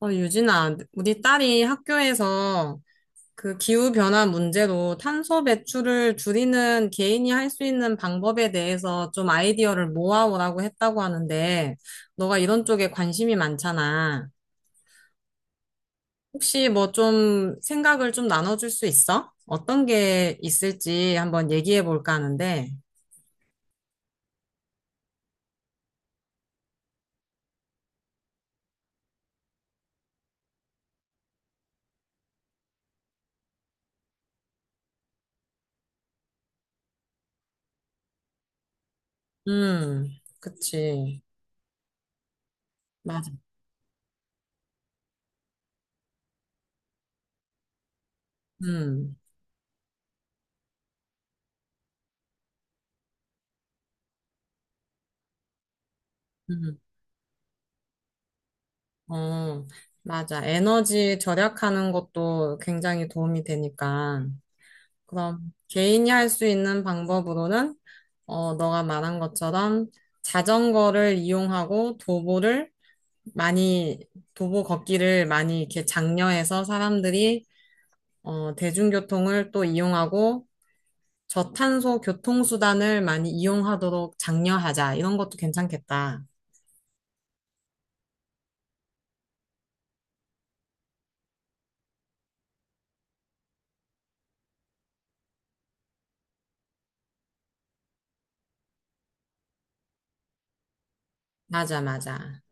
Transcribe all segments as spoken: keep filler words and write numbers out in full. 어, 유진아, 우리 딸이 학교에서 그 기후변화 문제로 탄소 배출을 줄이는 개인이 할 수 있는 방법에 대해서 좀 아이디어를 모아오라고 했다고 하는데, 너가 이런 쪽에 관심이 많잖아. 혹시 뭐 좀 생각을 좀 나눠줄 수 있어? 어떤 게 있을지 한번 얘기해 볼까 하는데, 음, 그치. 맞아. 음, 음, 어, 맞아. 에너지 절약하는 것도 굉장히 도움이 되니까. 그럼 개인이 할 수 있는 방법으로는, 어, 너가 말한 것처럼 자전거를 이용하고 도보를 많이, 도보 걷기를 많이 이렇게 장려해서 사람들이, 어, 대중교통을 또 이용하고 저탄소 교통수단을 많이 이용하도록 장려하자. 이런 것도 괜찮겠다. 맞아, 맞아.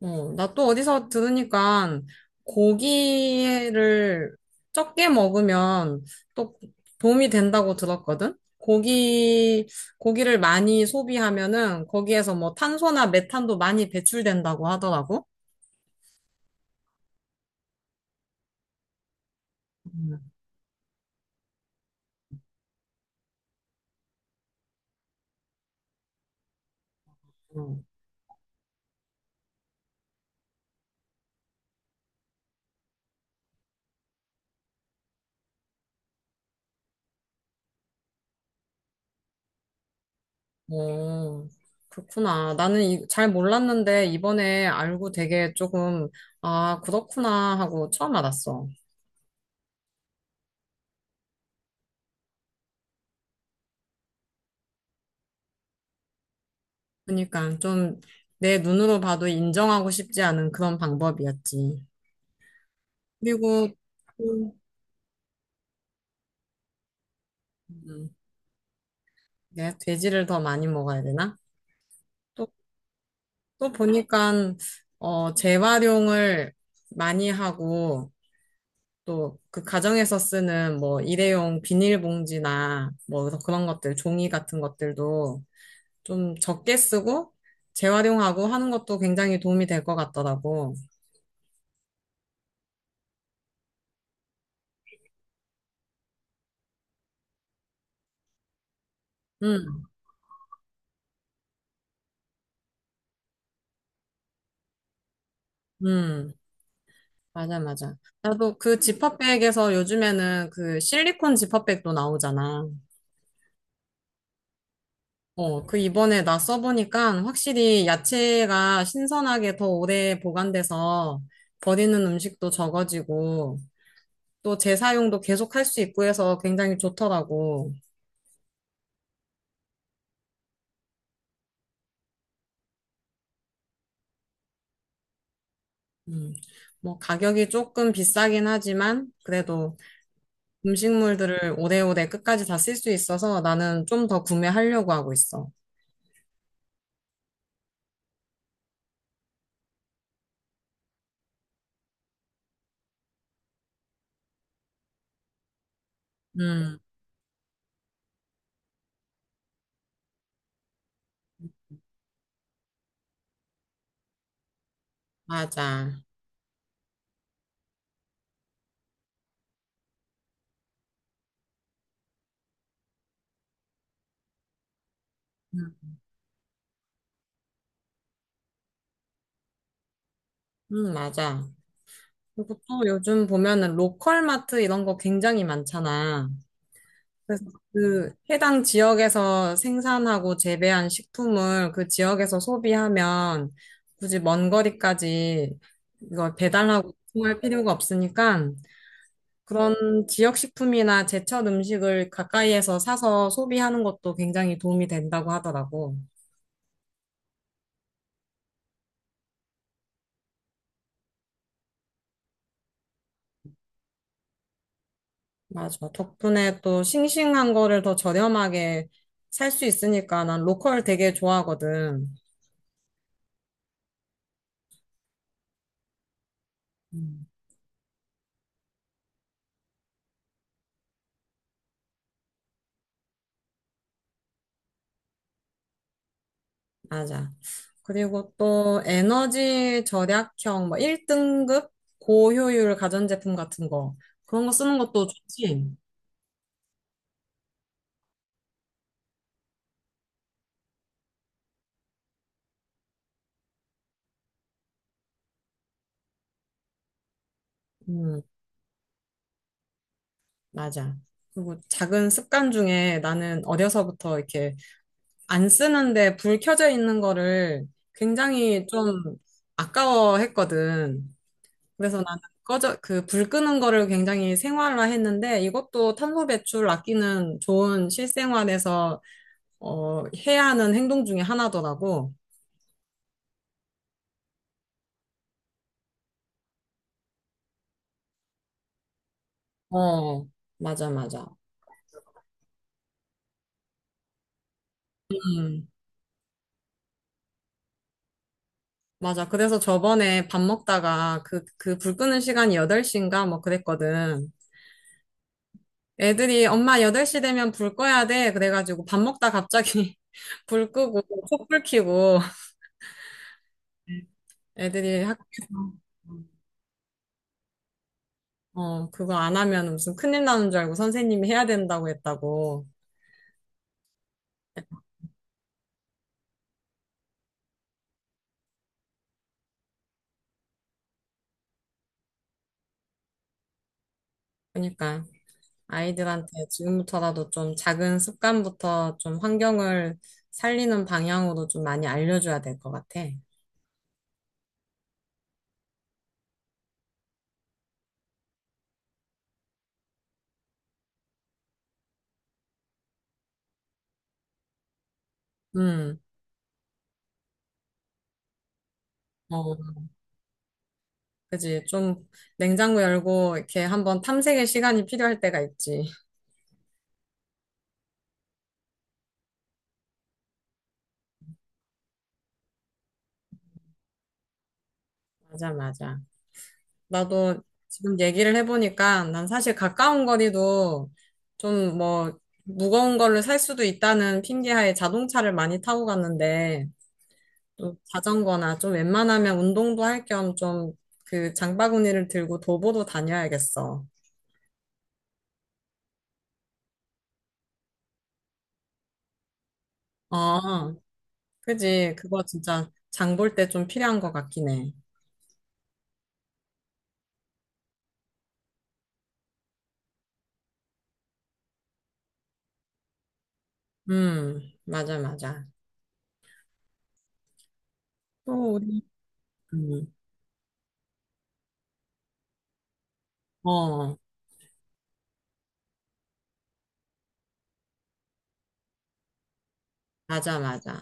어, 나 또 어디서 들으니까 고기를 적게 먹으면 또 도움이 된다고 들었거든? 고기, 고기를 많이 소비하면은 거기에서 뭐 탄소나 메탄도 많이 배출된다고 하더라고. 음, 음. 어, 그렇구나. 나는 이- 잘 몰랐는데 이번에 알고 되게 조금, 아, 그렇구나 하고 처음 알았어. 그러니까 좀 내 눈으로 봐도 인정하고 싶지 않은 그런 방법이었지. 그리고 또, 음, 내가 돼지를 더 많이 먹어야 되나? 또, 또 보니까 어, 재활용을 많이 하고 또 그 가정에서 쓰는 뭐 일회용 비닐봉지나 뭐 그런 것들 종이 같은 것들도 좀 적게 쓰고 재활용하고 하는 것도 굉장히 도움이 될 것 같더라고. 음, 음, 맞아, 맞아. 나도 그 지퍼백에서 요즘에는 그 실리콘 지퍼백도 나오잖아. 어, 그 이번에 나 써보니까 확실히 야채가 신선하게 더 오래 보관돼서 버리는 음식도 적어지고 또 재사용도 계속 할 수 있고 해서 굉장히 좋더라고. 음, 뭐 가격이 조금 비싸긴 하지만 그래도 음식물들을 오래오래 끝까지 다 쓸 수 있어서 나는 좀 더 구매하려고 하고 있어. 음, 맞아. 음, 음, 맞아. 그리고 또 요즘 보면은 로컬 마트 이런 거 굉장히 많잖아. 그래서 그 해당 지역에서 생산하고 재배한 식품을 그 지역에서 소비하면 굳이 먼 거리까지 이걸 배달하고 통할 필요가 없으니까 그런 지역 식품이나 제철 음식을 가까이에서 사서 소비하는 것도 굉장히 도움이 된다고 하더라고. 맞아. 덕분에 또 싱싱한 거를 더 저렴하게 살 수 있으니까 난 로컬 되게 좋아하거든. 음. 맞아. 그리고 또 에너지 절약형, 뭐 일 등급 고효율 가전제품 같은 거. 그런 거 쓰는 것도 좋지. 음, 맞아. 그리고 작은 습관 중에 나는 어려서부터 이렇게 안 쓰는데 불 켜져 있는 거를 굉장히 좀 아까워했거든. 그래서 나는 꺼져, 그 불 끄는 거를 굉장히 생활화 했는데 이것도 탄소 배출 아끼는 좋은 실생활에서 어, 해야 하는 행동 중에 하나더라고. 어, 맞아, 맞아. 음, 맞아. 그래서 저번에 밥 먹다가 그, 그 불 끄는 시간이 여덟 시인가 뭐 그랬거든. 애들이 엄마 여덟 시 되면 불 꺼야 돼. 그래가지고 밥 먹다 갑자기 불 끄고 촛불 켜고 애들이 학교에서 어, 그거 안 하면 무슨 큰일 나는 줄 알고 선생님이 해야 된다고 했다고. 그러니까 아이들한테 지금부터라도 좀 작은 습관부터 좀 환경을 살리는 방향으로 좀 많이 알려줘야 될 것 같아. 음, 어, 그지. 좀 냉장고 열고 이렇게 한번 탐색의 시간이 필요할 때가 있지. 맞아, 맞아. 나도 지금 얘기를 해보니까 난 사실 가까운 거리도 좀 뭐 무거운 거를 살 수도 있다는 핑계하에 자동차를 많이 타고 갔는데 좀 자전거나 좀 웬만하면 운동도 할 겸 좀 그 장바구니를 들고 도보도 다녀야겠어. 어, 그지. 그거 진짜 장볼 때 좀 필요한 것 같긴 해. 음, 맞아, 맞아. 또 우리, 음, 어, 맞아, 맞아.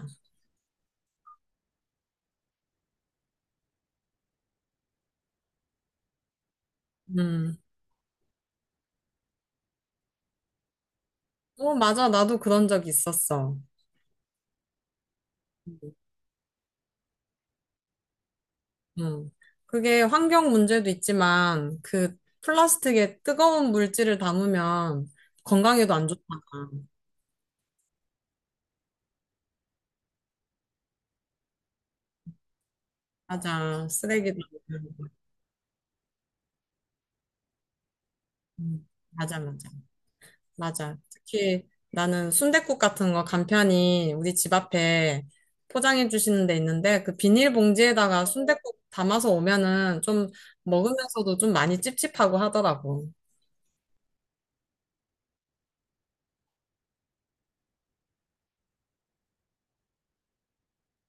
음, 어, 맞아. 나도 그런 적 있었어. 음, 그게 환경 문제도 있지만 그 플라스틱에 뜨거운 물질을 담으면 건강에도 안 좋잖아. 맞아. 쓰레기도. 음, 맞아, 맞아. 맞아. 특히 나는 순댓국 같은 거 간편히 우리 집 앞에 포장해 주시는 데 있는데 그 비닐봉지에다가 순댓국 담아서 오면은 좀 먹으면서도 좀 많이 찝찝하고 하더라고.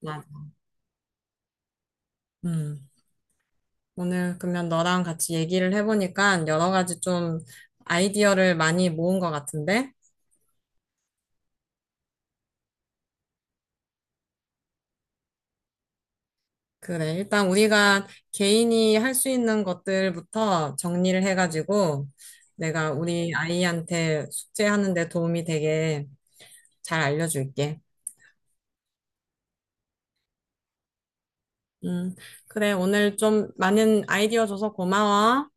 맞아. 음. 오늘 그러면 너랑 같이 얘기를 해보니까 여러 가지 좀 아이디어를 많이 모은 것 같은데? 그래. 일단 우리가 개인이 할 수 있는 것들부터 정리를 해가지고 내가 우리 아이한테 숙제하는 데 도움이 되게 잘 알려줄게. 음, 그래. 오늘 좀 많은 아이디어 줘서 고마워.